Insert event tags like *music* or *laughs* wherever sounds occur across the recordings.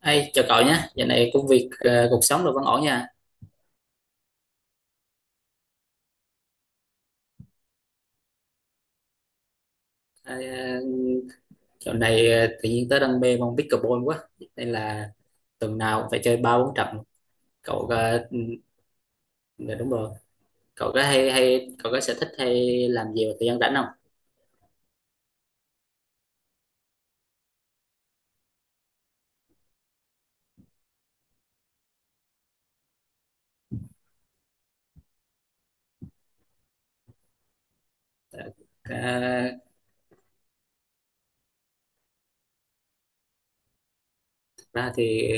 Hey, chào cậu nhé, giờ này công việc, cuộc sống rồi vẫn ổn nha. À, dạo này tự nhiên tớ đang mê môn pickleball quá, nên là tuần nào cũng phải chơi 3 4 trận. Cậu có, ừ, dạ đúng rồi, cậu có hay hay cậu có sở thích hay làm gì vào thời gian rảnh không? Ờ. À. Thật ra thì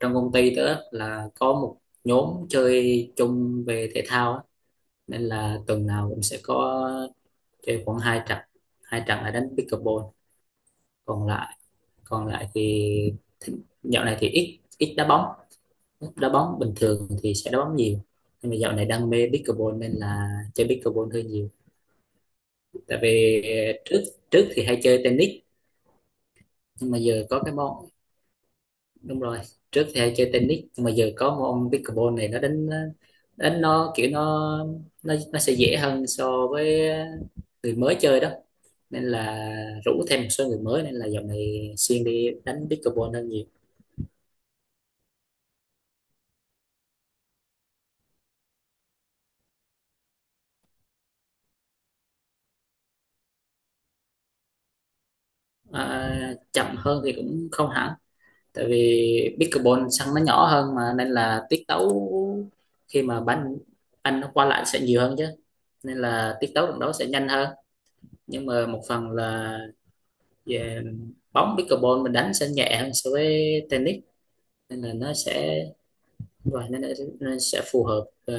trong công ty tớ là có một nhóm chơi chung về thể thao á, nên là tuần nào cũng sẽ có chơi khoảng 2 trận, 2 trận là đánh pickleball, còn lại còn lại thì dạo này thì ít ít đá bóng, đá bóng bình thường thì sẽ đá bóng nhiều nhưng mà dạo này đam mê pickleball nên là chơi pickleball hơi nhiều, tại vì trước trước thì hay chơi tennis nhưng mà giờ có cái môn, đúng rồi, trước thì hay chơi tennis nhưng mà giờ có môn pickleball này nó đánh, đánh nó kiểu nó nó sẽ dễ hơn so với người mới chơi đó, nên là rủ thêm một số người mới nên là dạo này xuyên đi đánh pickleball hơn nhiều. À, chậm hơn thì cũng không hẳn, tại vì pickleball sân nó nhỏ hơn mà nên là tiết tấu khi mà bắn anh nó qua lại sẽ nhiều hơn chứ, nên là tiết tấu trận đấu sẽ nhanh hơn. Nhưng mà một phần là về bóng pickleball mình đánh sẽ nhẹ hơn so với tennis, nên là nó sẽ, và nên, là- nên sẽ phù hợp,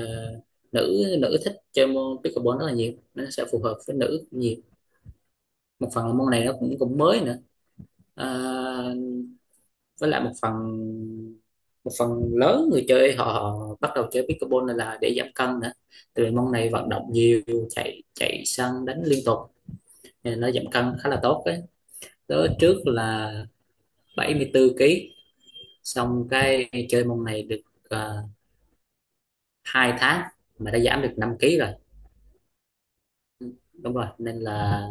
nữ nữ thích chơi môn pickleball rất là nhiều, nó sẽ phù hợp với nữ nhiều. Một phần là môn này nó cũng cũng mới nữa. Ờ, với lại một phần, một phần lớn người chơi họ, họ bắt đầu chơi pickleball này là để giảm cân nữa, từ môn này vận động nhiều, chạy chạy săn đánh liên tục nên nó giảm cân khá là tốt đấy. Tớ trước là 74 kg, xong cái chơi môn này được uh, 2 tháng mà đã giảm được 5 kg rồi. Ừ, đúng rồi, nên là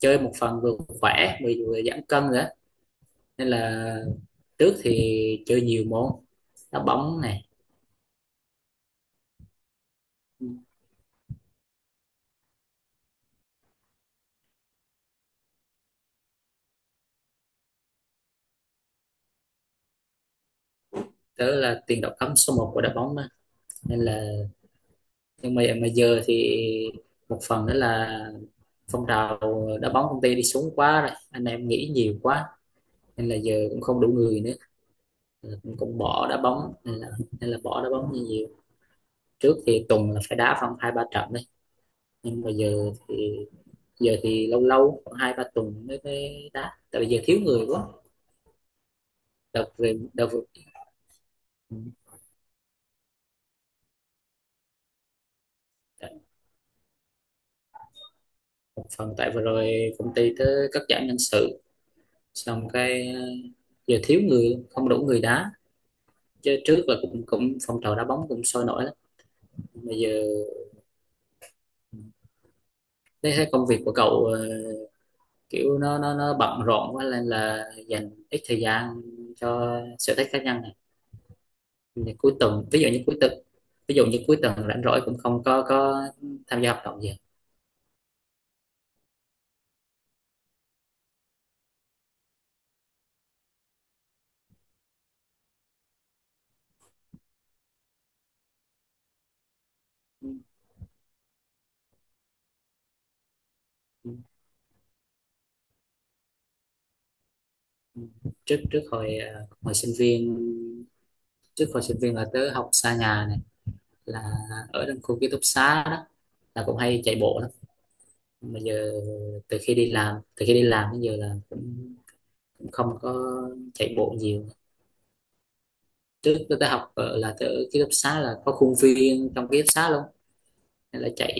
chơi một phần vừa khỏe vừa, vừa giảm cân nữa, nên là trước thì chơi nhiều môn, đá bóng này, đó là tiền đạo cấm số 1 của đội bóng mà. Nên là nhưng mà giờ thì một phần đó là phong trào đá bóng công ty đi xuống quá rồi, anh em nghĩ nhiều quá nên là giờ cũng không đủ người nữa. Ờ, cũng, cũng bỏ đá bóng nên là bỏ đá bóng nhiều. Trước thì tuần là phải đá khoảng 2 3 trận đấy, nhưng mà giờ thì, giờ thì lâu lâu khoảng 2 3 tuần mới mới đá tại vì giờ thiếu người quá. Đợt về đợt vừa- một phần tại vừa rồi công ty tới cắt giảm nhân sự, xong cái giờ thiếu người, không đủ người đá, chứ trước là cũng cũng phong trào đá bóng cũng sôi nổi lắm. Bây giờ thấy cái công việc của cậu, kiểu nó bận rộn quá nên là dành ít thời gian cho sở thích cá nhân này. Thì cuối tuần, ví dụ như cuối tuần rảnh rỗi cũng không có tham gia hoạt động gì. Trước trước hồi ờ, hồi sinh viên, là tớ học xa nhà này, là ở trong khu ký túc xá đó, là cũng hay chạy bộ lắm, mà giờ từ khi đi làm đến giờ là cũng, cũng không có chạy bộ nhiều. Trước tôi đã học ở là tôi ở ký túc xá là có khuôn viên trong ký túc xá luôn, nên là chạy,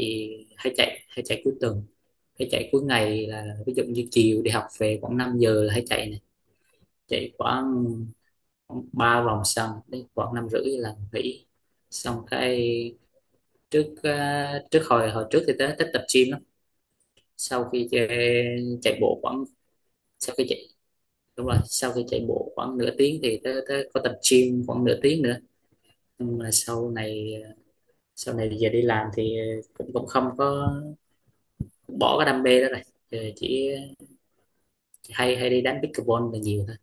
hay chạy cuối tuần, hay chạy cuối ngày là ví dụ như chiều đi học về khoảng 5 giờ là hay chạy này, chạy khoảng 3 vòng sân đến khoảng 5 rưỡi là nghỉ, xong cái trước hồi hồi trước thì tớ thích tập gym lắm. Sau khi chạy, chạy bộ khoảng sau khi chạy, đúng rồi, sau khi chạy bộ khoảng nửa tiếng thì tớ, tớ có tập gym khoảng nửa tiếng nữa. Nhưng mà sau này, sau này giờ đi làm thì cũng cũng không có, bỏ cái đam mê đó rồi. Giờ chỉ hay hay đi đánh pickleball là nhiều thôi.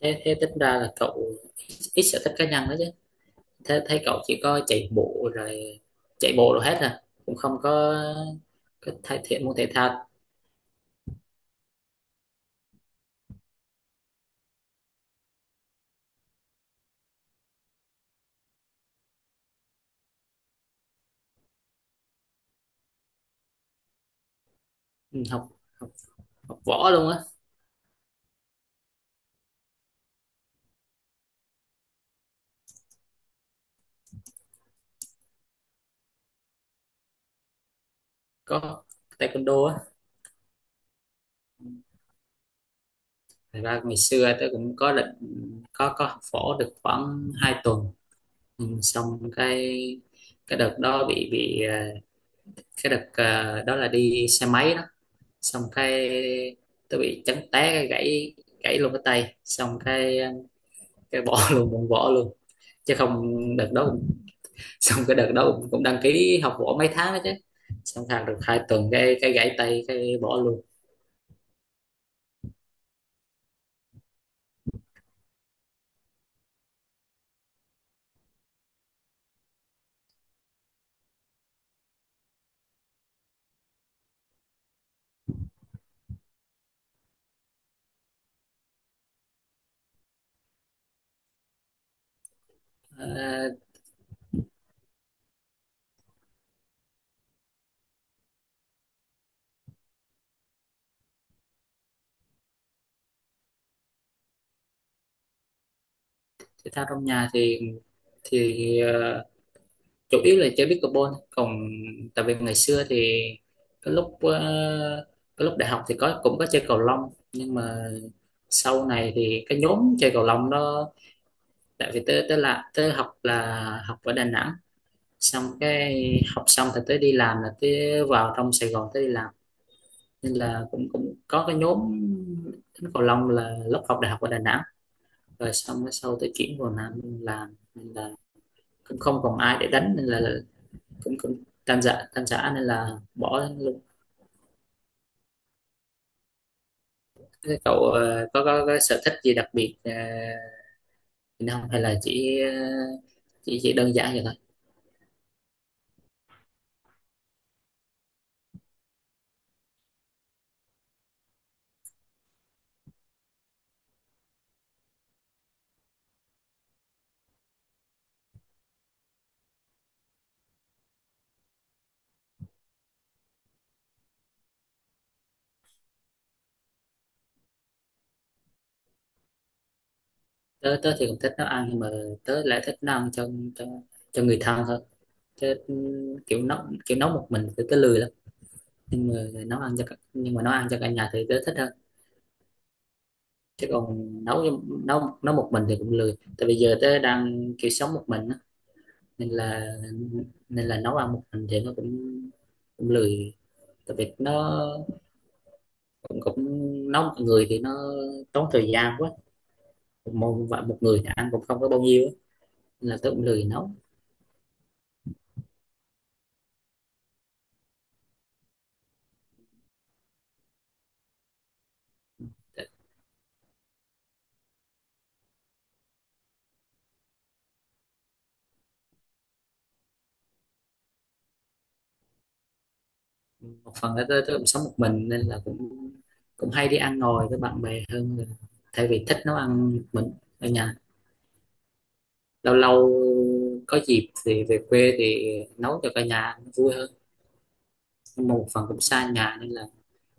Thế, thế tính ra là cậu ít ít sở thích cá nhân đó chứ, thế thấy cậu chỉ có chạy bộ rồi, chạy bộ rồi hết à, cũng không có, có thể thể môn thể thao. Ừ, học học học võ luôn á, có taekwondo á. Thật ra ngày xưa tớ cũng có định, có học phổ được khoảng 2 tuần, ừ, xong cái đợt đó bị cái đợt đó là đi xe máy đó, xong cái tớ bị chấn té cái gãy, gãy luôn cái tay xong cái cái bỏ *laughs* luôn, cũng bỏ luôn chứ không. đợt đó cũng- *laughs* xong cái đợt đó cũng, cũng đăng ký học võ mấy tháng đó chứ, xong học được 2 tuần cái gãy tay cái bỏ luôn. Ờ, thể thao trong nhà thì chủ yếu là chơi pickleball, còn tại vì ngày xưa thì cái lúc cái lúc đại học thì có cũng có chơi cầu lông, nhưng mà sau này thì cái nhóm chơi cầu lông đó, tại vì tới tới là tới học là học ở Đà Nẵng, xong cái học xong thì tới đi làm là tới vào trong Sài Gòn tới đi làm, nên là cũng cũng có cái nhóm đánh cầu lông là lúc học đại học ở Đà Nẵng, rồi xong cái sau tới chuyển vào Nam làm nên là cũng không còn ai để đánh nên là cũng cũng tan rã nên là bỏ luôn. Thế cậu có, có sở thích gì đặc biệt không hay là chỉ chỉ đơn giản vậy thôi. Tớ tớ thì cũng thích nấu ăn nhưng mà tớ lại thích nấu ăn cho cho người thân hơn. Tớ kiểu nấu một mình thì tớ lười lắm, nhưng mà nấu ăn cho cả- nhưng mà nấu ăn cho cả nhà thì tớ thích hơn, chứ còn nấu cho- nấu nấu một mình thì cũng lười tại vì giờ tớ đang kiểu sống một mình á, nên là nên là nấu ăn một mình thì nó cũng, cũng lười tại vì nó cũng, cũng nấu mọi người thì nó tốn thời gian quá. Một người thì ăn cũng không có bao nhiêu á, nên là tôi cũng lười nấu. Một phần là tôi cũng sống một mình nên là cũng cũng hay đi ăn ngồi với bạn bè hơn là thay vì thích nấu ăn một mình ở nhà. Lâu lâu có dịp thì về quê thì nấu cho cả nhà ăn vui hơn, nhưng mà một phần cũng xa nhà nên là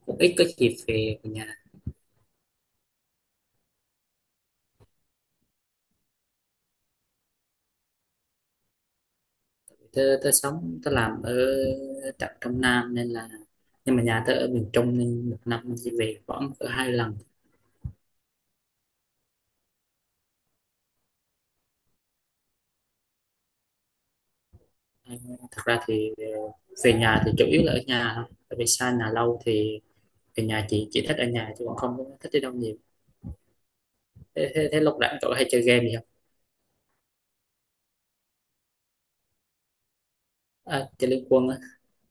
cũng ít có dịp về nhà. Tớ, tớ sống tớ làm ở tận trong Nam nên là, nhưng mà nhà tớ ở miền Trung nên một năm mình chỉ về khoảng cỡ 2 lần. Thật ra thì về nhà thì chủ yếu là ở nhà thôi, tại vì xa nhà lâu thì về nhà chị chỉ thích ở nhà chứ còn không có thích đi đâu nhiều. Thế lúc rảnh cậu hay chơi game gì không? À, chơi Liên Quân á,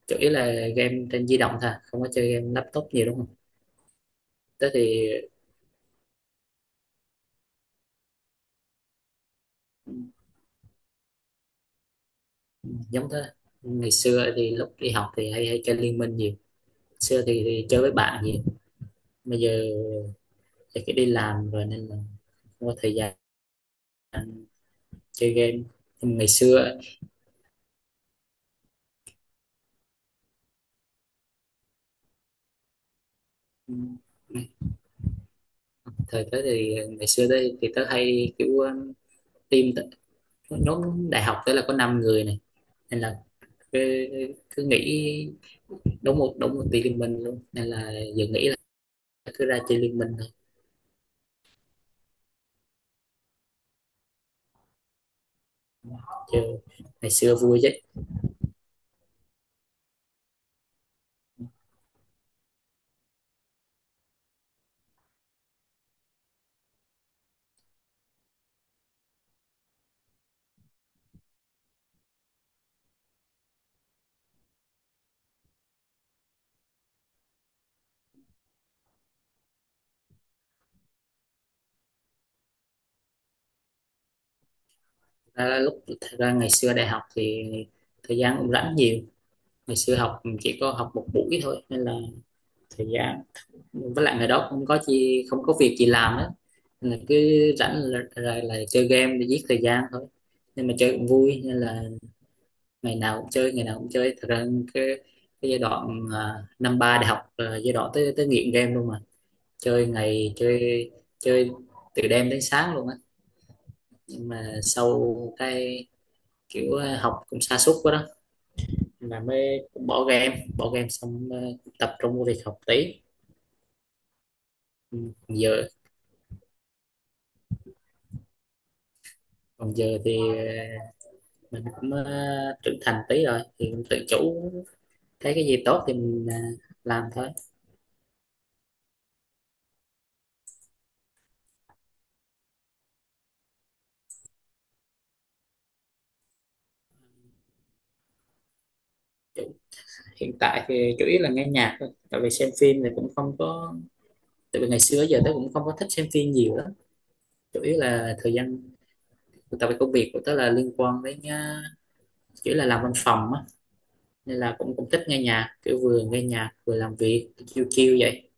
chủ yếu là game trên di động thôi, không có chơi game laptop nhiều đúng không? Tớ thì ừ, giống thế, ngày xưa thì lúc đi học thì hay hay chơi Liên Minh nhiều, xưa thì chơi với bạn nhiều, bây giờ tại cái đi làm rồi nên là không có thời gian chơi game. Nhưng ngày xưa, thời tới thì ngày xưa tới thì tớ hay kiểu team, nhóm đại học tới là có 5 người này nên là cứ, cứ nghĩ, đúng một team liên minh luôn, nên là giờ nghĩ là cứ ra chơi liên minh thôi. Chơi ngày xưa vui chứ. À, lúc thật ra ngày xưa đại học thì thời gian cũng rảnh nhiều, ngày xưa học chỉ có học một buổi thôi nên là thời gian, với lại ngày đó không có không có việc gì làm á, nên là cứ rảnh là chơi game để giết thời gian thôi, nhưng mà chơi cũng vui nên là ngày nào cũng chơi, thật ra cái, cái giai đoạn năm ba đại học là giai đoạn tới tới nghiện game luôn mà. Chơi chơi từ đêm đến sáng luôn á, nhưng mà sau cái kiểu học cũng sa sút quá đó, mà mới bỏ game, xong tập trung vô việc học tí. Ừ, còn giờ, còn giờ thì mình cũng trưởng thành tí rồi thì cũng tự chủ, thấy cái gì tốt thì mình làm thôi. Chủ- hiện tại thì chủ yếu là nghe nhạc thôi tại vì xem phim thì cũng không có, tại vì ngày xưa giờ tớ cũng không có thích xem phim nhiều lắm. Chủ yếu là thời gian, tại vì công việc của tớ là liên quan đến chủ yếu là làm văn phòng á, nên là cũng cũng thích nghe nhạc kiểu vừa nghe nhạc vừa làm việc chiêu chiêu vậy.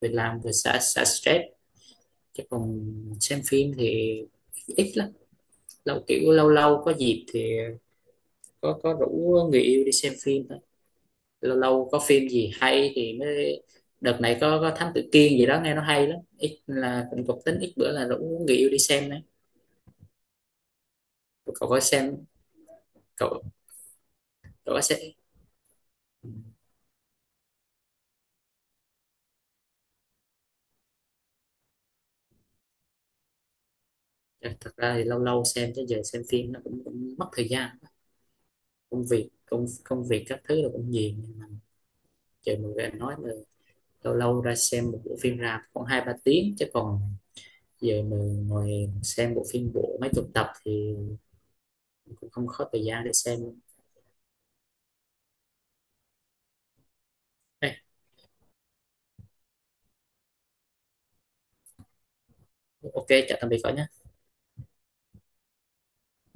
Vừa làm vừa xả xả stress, chứ còn xem phim thì ít lắm, lâu kiểu lâu lâu có dịp thì có rủ người yêu đi xem phim thôi. Lâu lâu có phim gì hay thì mới, đợt này có Thám Tử Kiên gì đó nghe nó hay lắm, ít là cũng có tính ít bữa là rủ người yêu đi xem đấy. cậu có xem cậu cậu có xem. Ừ, thật ra thì lâu lâu xem chứ giờ xem phim nó cũng, cũng mất thời gian, công việc công công việc các thứ là cũng nhiều, nhưng mà giờ mình về nói là lâu lâu ra xem một bộ phim rạp khoảng 2 3 tiếng chứ còn giờ mình ngồi xem bộ phim bộ mấy chục tập thì cũng không có thời gian để xem. Ok chào tạm biệt cả nhà.